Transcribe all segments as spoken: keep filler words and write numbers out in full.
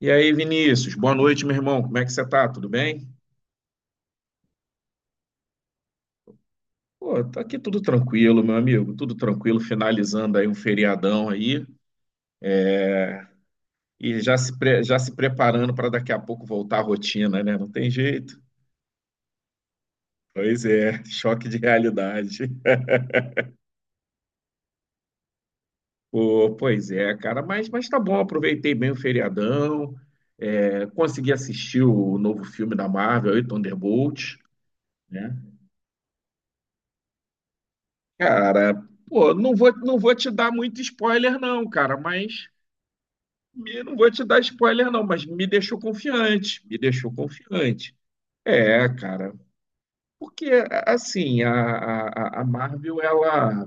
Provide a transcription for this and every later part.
E aí, Vinícius, boa noite, meu irmão. Como é que você tá? Tudo bem? Pô, tá aqui tudo tranquilo, meu amigo. Tudo tranquilo, finalizando aí um feriadão aí e já se, pre- já se preparando para daqui a pouco voltar à rotina, né? Não tem jeito. Pois é, choque de realidade. Pô, pois é, cara, mas, mas tá bom, aproveitei bem o feriadão, é, consegui assistir o novo filme da Marvel, aí, Thunderbolt, né? Cara, pô, não vou, não vou te dar muito spoiler, não, cara, mas me- não vou te dar spoiler, não, mas me deixou confiante, me deixou confiante. É, cara, porque assim, a, a, a Marvel, ela,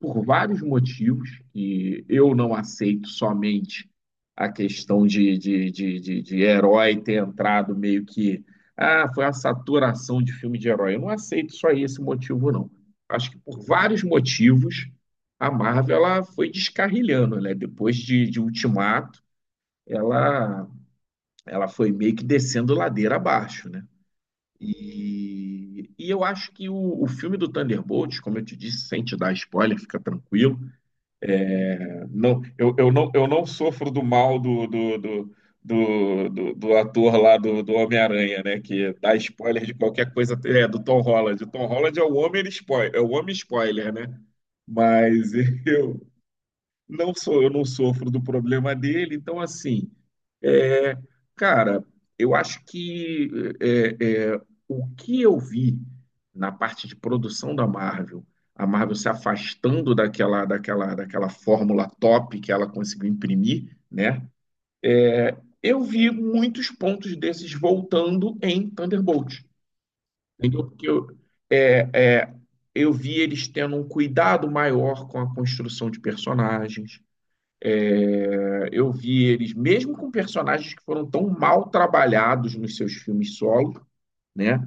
por vários motivos, e eu não aceito somente a questão de, de, de, de, de herói ter entrado meio que, ah, foi a saturação de filme de herói. Eu não aceito só esse motivo, não. Acho que por vários motivos, a Marvel, ela foi descarrilhando, né? Depois de, de Ultimato, ela ela foi meio que descendo ladeira abaixo, né? E, e eu acho que o, o filme do Thunderbolts, como eu te disse, sem te dar spoiler, fica tranquilo. É, não, eu, eu não, eu não sofro do mal do, do, do, do, do- do ator lá do, do Homem-Aranha, né? Que dá spoiler de qualquer coisa. É, do Tom Holland. O Tom Holland é o homem spoiler, é o homem spoiler, né? Mas eu, não sou, eu não sofro do problema dele. Então, assim, é, cara, eu acho que é, é, o que eu vi na parte de produção da Marvel, a Marvel se afastando daquela, daquela, daquela fórmula top que ela conseguiu imprimir, né? Eu vi muitos pontos desses voltando em Thunderbolt. Entendeu? Porque eu, é, é, eu vi eles tendo um cuidado maior com a construção de personagens, é, eu vi eles, mesmo com personagens que foram tão mal trabalhados nos seus filmes solo, né?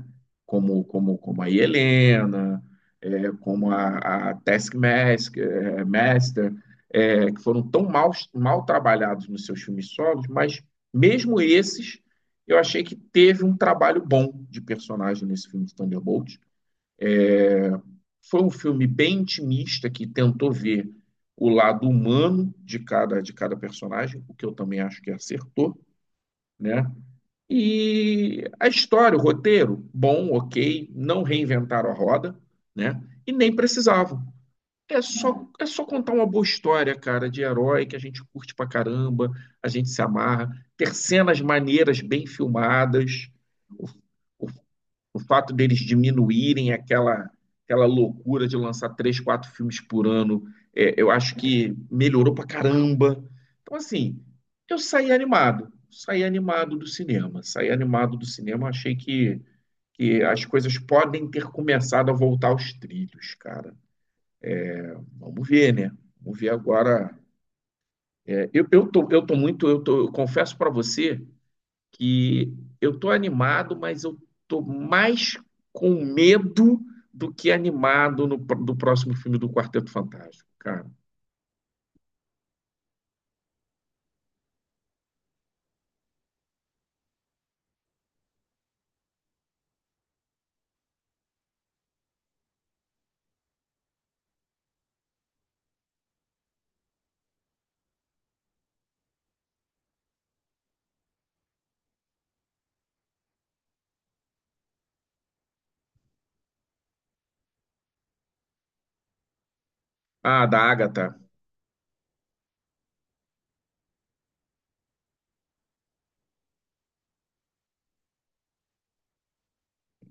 Como, como, como a Helena, é, como a, a Taskmaster, é, Master, é, que foram tão mal, mal trabalhados nos seus filmes solos, mas mesmo esses, eu achei que teve um trabalho bom de personagem nesse filme de Thunderbolt. Foi um filme bem intimista que tentou ver o lado humano de cada, de cada personagem, o que eu também acho que acertou, né? E a história, o roteiro, bom, ok, não reinventaram a roda, né? E nem precisavam. É só, é só contar uma boa história, cara, de herói que a gente curte pra caramba, a gente se amarra, ter cenas maneiras bem filmadas. O, o o fato deles diminuírem aquela, aquela loucura de lançar três, quatro filmes por ano, é, eu acho que melhorou pra caramba. Então, assim, eu saí animado, saí animado do cinema, saí animado do cinema, achei que, que as coisas podem ter começado a voltar aos trilhos, cara. Vamos ver, né? Vamos ver agora. É, eu, eu tô, eu tô muito, eu tô, eu confesso pra você que eu tô animado, mas eu tô mais com medo do que animado no, pr- do próximo filme do Quarteto Fantástico, cara. Ah, da Agatha.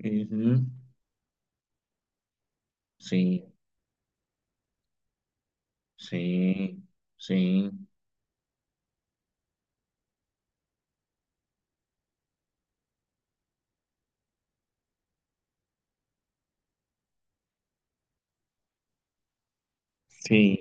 Uhum. Sim, sim, sim, sim.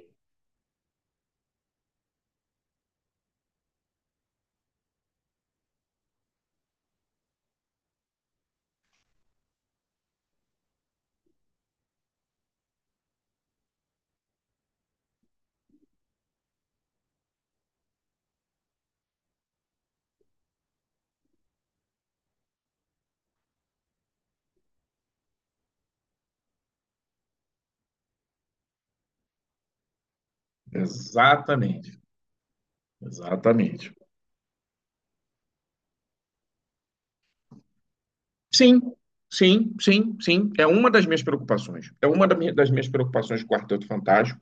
Exatamente, exatamente. Sim, sim, sim, sim. É uma das minhas preocupações. É uma da minha- das minhas preocupações com o Quarteto Fantástico.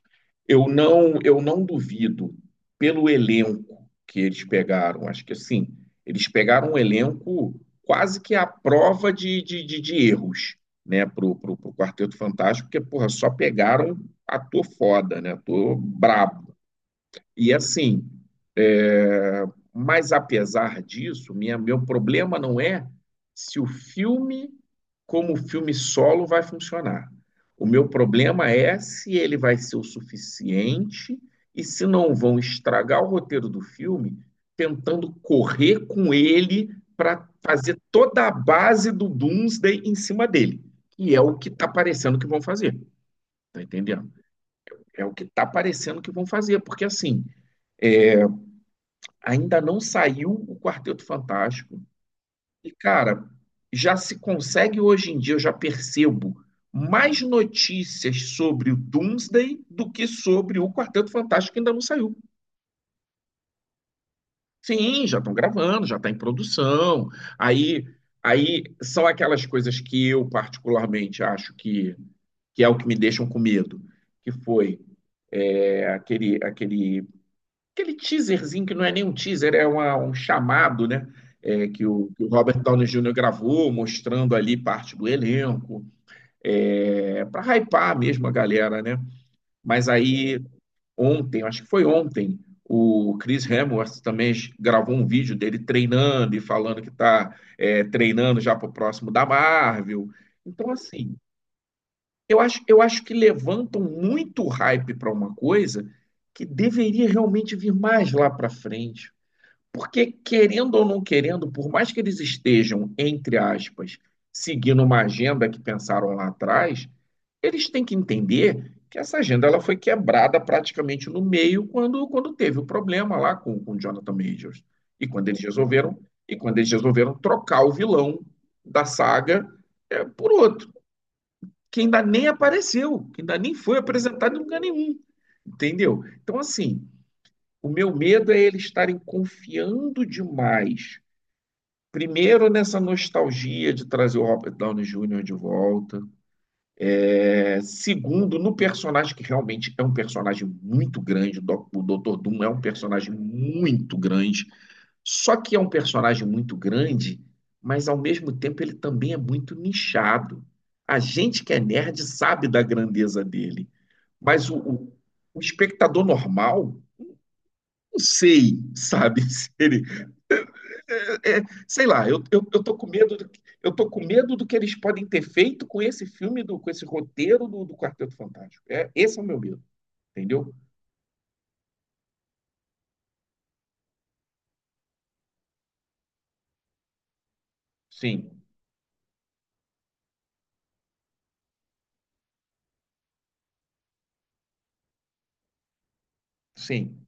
Eu não, eu não duvido pelo elenco que eles pegaram. Acho que assim, eles pegaram um elenco quase que à prova de, de, de, de erros, né, pro, pro, pro Quarteto Fantástico, porque, porra, só pegaram ator foda, né, ator brabo. E assim, é, mas, apesar disso, minha, meu problema não é se o filme, como filme solo, vai funcionar. O meu problema é se ele vai ser o suficiente e se não vão estragar o roteiro do filme tentando correr com ele para fazer toda a base do Doomsday em cima dele. E é o que está parecendo que vão fazer, tá entendendo? É o que está parecendo que vão fazer, porque assim, é, ainda não saiu o Quarteto Fantástico. E, cara, já se consegue hoje em dia, eu já percebo mais notícias sobre o Doomsday do que sobre o Quarteto Fantástico que ainda não saiu. Sim, já estão gravando, já está em produção. Aí, aí são aquelas coisas que eu particularmente acho que, que é o que me deixam com medo, que foi é, aquele, aquele aquele teaserzinho que não é nem um teaser, é uma- um chamado, né? É, que o, que o Robert Downey júnior gravou, mostrando ali parte do elenco, é, para hypar mesmo a galera, né? Mas aí ontem, acho que foi ontem, o Chris Hemsworth também gravou um vídeo dele treinando e falando que está treinando já para o próximo da Marvel. Então, assim, eu acho, eu acho que levantam muito hype para uma coisa que deveria realmente vir mais lá para frente. Porque, querendo ou não querendo, por mais que eles estejam, entre aspas, seguindo uma agenda que pensaram lá atrás, eles têm que entender que essa agenda ela foi quebrada praticamente no meio quando, quando teve o problema lá com, com Jonathan Majors. E quando eles resolveram, e quando eles resolveram trocar o vilão da saga é, por outro, que ainda nem apareceu, que ainda nem foi apresentado em lugar nenhum. Entendeu? Então, assim, o meu medo é eles estarem confiando demais. Primeiro, nessa nostalgia de trazer o Robert Downey júnior de volta. É, segundo, no personagem que realmente é um personagem muito grande. O Doc- doutor Doom é um personagem muito grande. Só que é um personagem muito grande, mas ao mesmo tempo ele também é muito nichado. A gente que é nerd sabe da grandeza dele, mas o, o- o espectador normal, não sei, sabe, se ele é, é, sei lá, eu, eu, eu tô com medo do, que- eu tô com medo do que eles podem ter feito com esse filme, do, com esse roteiro do, do Quarteto Fantástico. É, esse é o meu medo, entendeu? Sim, sim,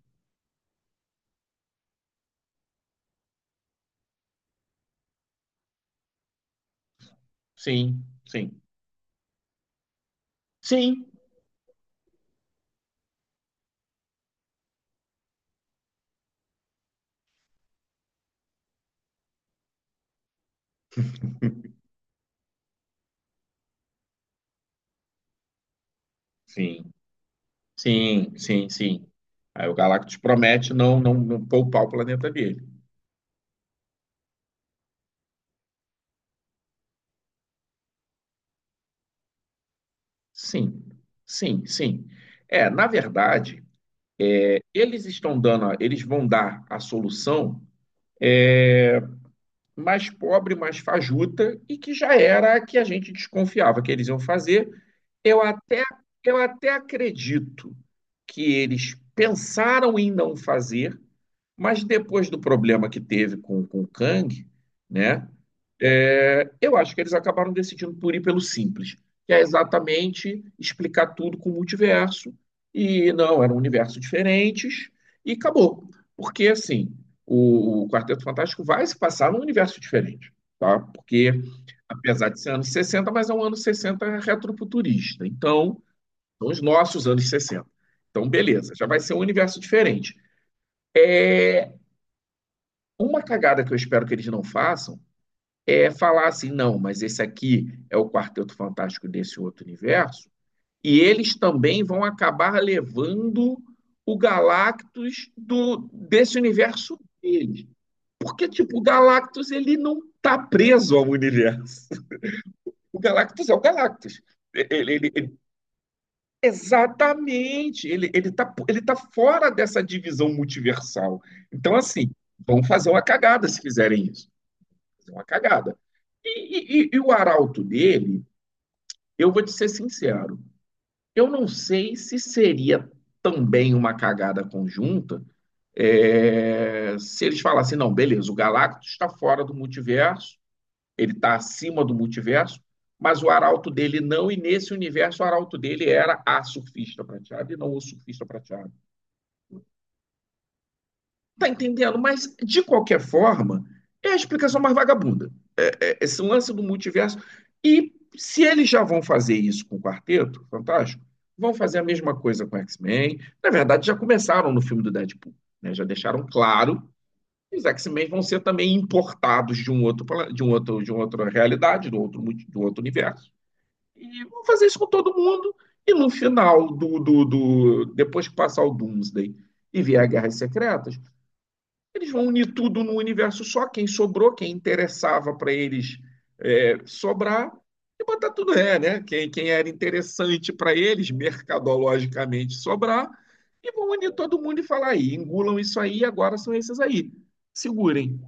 sim, sim, sim, sim, sim, sim, sim. Aí o Galactus promete não, não, não poupar o planeta dele. Sim, sim, sim. É, na verdade, eles estão dando, a- eles vão dar a solução mais pobre, mais fajuta, e que já era a que a gente desconfiava que eles iam fazer. Eu até, eu até acredito que eles pensaram em não fazer, mas depois do problema que teve com, com o Kang, né? É, eu acho que eles acabaram decidindo por ir pelo simples, que é exatamente explicar tudo com o multiverso. E não, eram universos diferentes e acabou. Porque, assim, o, o Quarteto Fantástico vai se passar num universo diferente, tá? Porque, apesar de ser anos sessenta, mas é um ano sessenta retrofuturista. Então, são os nossos anos sessenta. Então, beleza, já vai ser um universo diferente. É uma cagada que eu espero que eles não façam é, falar assim, não, mas esse aqui é o Quarteto Fantástico desse outro universo, e eles também vão acabar levando o Galactus do, desse universo dele. Porque, tipo, o Galactus ele não está preso ao universo. O Galactus é o Galactus. Ele, ele, ele- exatamente, ele, ele, tá, ele tá fora dessa divisão multiversal. Então, assim, vão fazer uma cagada se fizerem isso, fazer uma cagada. E, e, e o arauto dele, eu vou te ser sincero, eu não sei se seria também uma cagada conjunta é, se eles falassem, não, beleza, o Galactus está fora do multiverso, ele está acima do multiverso, mas o arauto dele não, e nesse universo o arauto dele era a surfista prateada e não o surfista prateado. Tá entendendo? Mas, de qualquer forma, é a explicação mais vagabunda, esse lance do multiverso. E se eles já vão fazer isso com o Quarteto Fantástico, vão fazer a mesma coisa com o X-Men. Na verdade, já começaram no filme do Deadpool, né? Já deixaram claro que os X-Men vão ser também importados de um outro de um outro de uma outra realidade, do outro do outro universo. E vão fazer isso com todo mundo. E no final do, do, do depois que passar o Doomsday e vier a Guerras Secretas, eles vão unir tudo no universo só, quem sobrou, quem interessava para eles é, sobrar, e botar tudo é, né? Quem, quem era interessante para eles, mercadologicamente, sobrar, e vão unir todo mundo e falar aí, engulam isso aí, agora são esses aí. Segurem.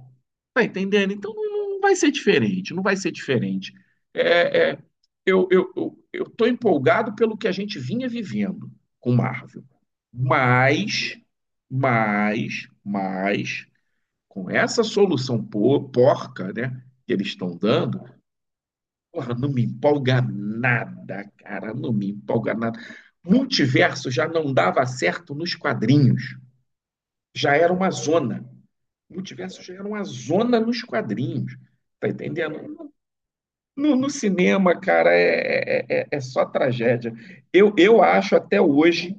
Tá entendendo? Então não, não vai ser diferente, não vai ser diferente. É, é, eu, eu, eu, eu tô empolgado pelo que a gente vinha vivendo com Marvel. Mas, mas, mas, com essa solução porca, né, que eles estão dando, porra, não me empolga nada, cara, não me empolga nada. Multiverso já não dava certo nos quadrinhos, já era uma zona. Multiverso já era uma zona nos quadrinhos, tá entendendo? No, no cinema, cara, é, é, é- é só tragédia. Eu, eu acho até hoje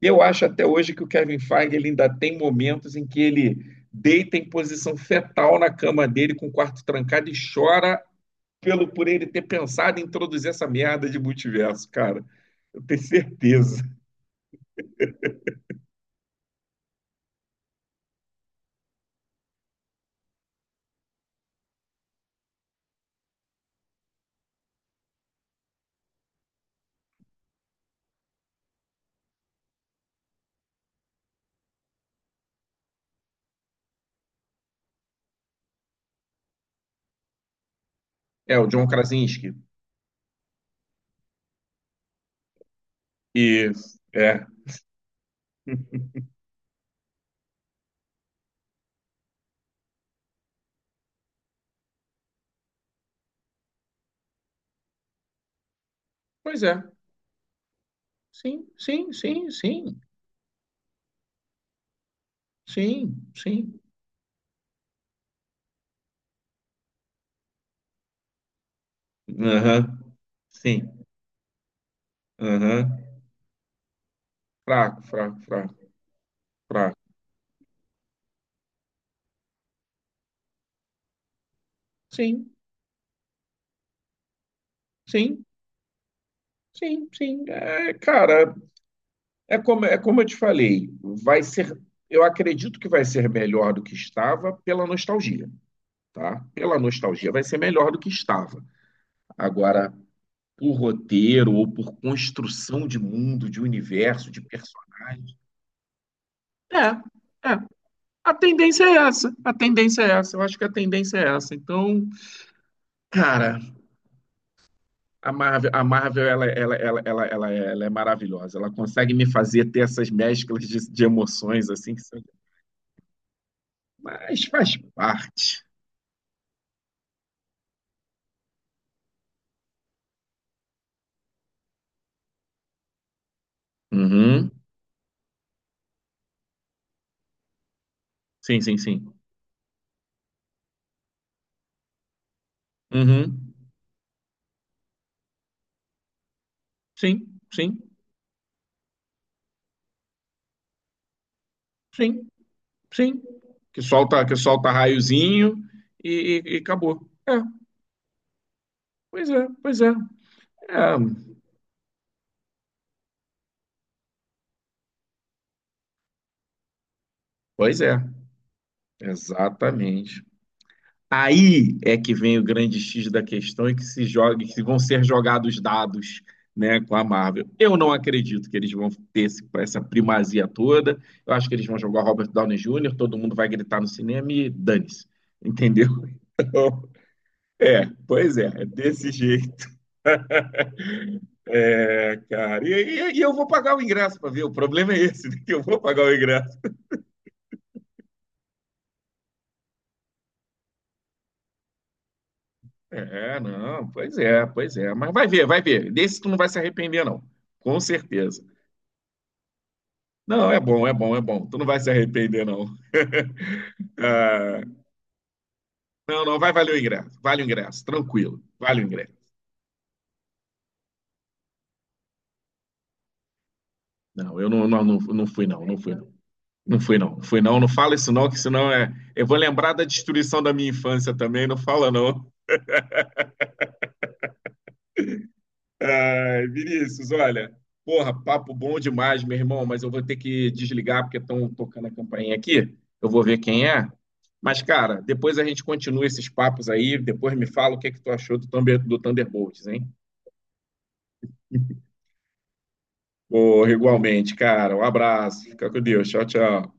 Eu acho até hoje que o Kevin Feige ele ainda tem momentos em que ele deita em posição fetal na cama dele com o quarto trancado e chora pelo por ele ter pensado em introduzir essa merda de multiverso, cara. Eu tenho certeza. É, o John Krasinski. Isso, é. Pois é. Sim, sim, sim, sim, sim, sim. Aham, sim, aham. Fraco, fraco, fraco, fraco. Sim, sim, sim, sim. É, cara, é como, é como eu te falei, vai ser, eu acredito que vai ser melhor do que estava pela nostalgia, tá? Pela nostalgia vai ser melhor do que estava. Agora, por roteiro ou por construção de mundo, de universo, de personagens, é, é. A tendência é essa. A tendência é essa. Eu acho que a tendência é essa. Então, cara, a Marvel, a Marvel ela, ela, ela, ela, ela, é- ela é maravilhosa. Ela consegue me fazer ter essas mesclas de, de emoções assim que são... Mas faz parte. Uhum. Sim, sim, sim. Uhum. Sim, sim, sim, sim. Que solta, que solta raiozinho e, e- e acabou. É, pois é, pois é. É, pois é. Exatamente. Aí é que vem o grande X da questão e que se joga, que vão ser jogados dados, né, com a Marvel. Eu não acredito que eles vão ter esse- essa primazia toda. Eu acho que eles vão jogar Robert Downey júnior, todo mundo vai gritar no cinema e dane-se. Entendeu? É, pois é, é desse jeito. É, cara, e, e- e eu vou pagar o ingresso para ver, o problema é esse, né, que eu vou pagar o ingresso. É, não, pois é, pois é, mas vai ver, vai ver. Desse tu não vai se arrepender, não, com certeza. Não, é bom, é bom, é bom, tu não vai se arrepender, não. Ah, não, não, vai valer o ingresso, vale o ingresso, tranquilo, vale o ingresso. Não, eu não, não, não, não fui, não, não fui, não. Não fui, não, fui, não, não fala isso, não, que senão é. Eu vou lembrar da destruição da minha infância também, não fala, não. Ai, Vinícius, olha, porra, papo bom demais, meu irmão, mas eu vou ter que desligar porque estão tocando a campainha aqui. Eu vou ver quem é. Mas, cara, depois a gente continua esses papos aí. Depois me fala o que é que tu achou do, Thunder, do Thunderbolts, hein? Porra, igualmente, cara. Um abraço. Fica com Deus. Tchau, tchau.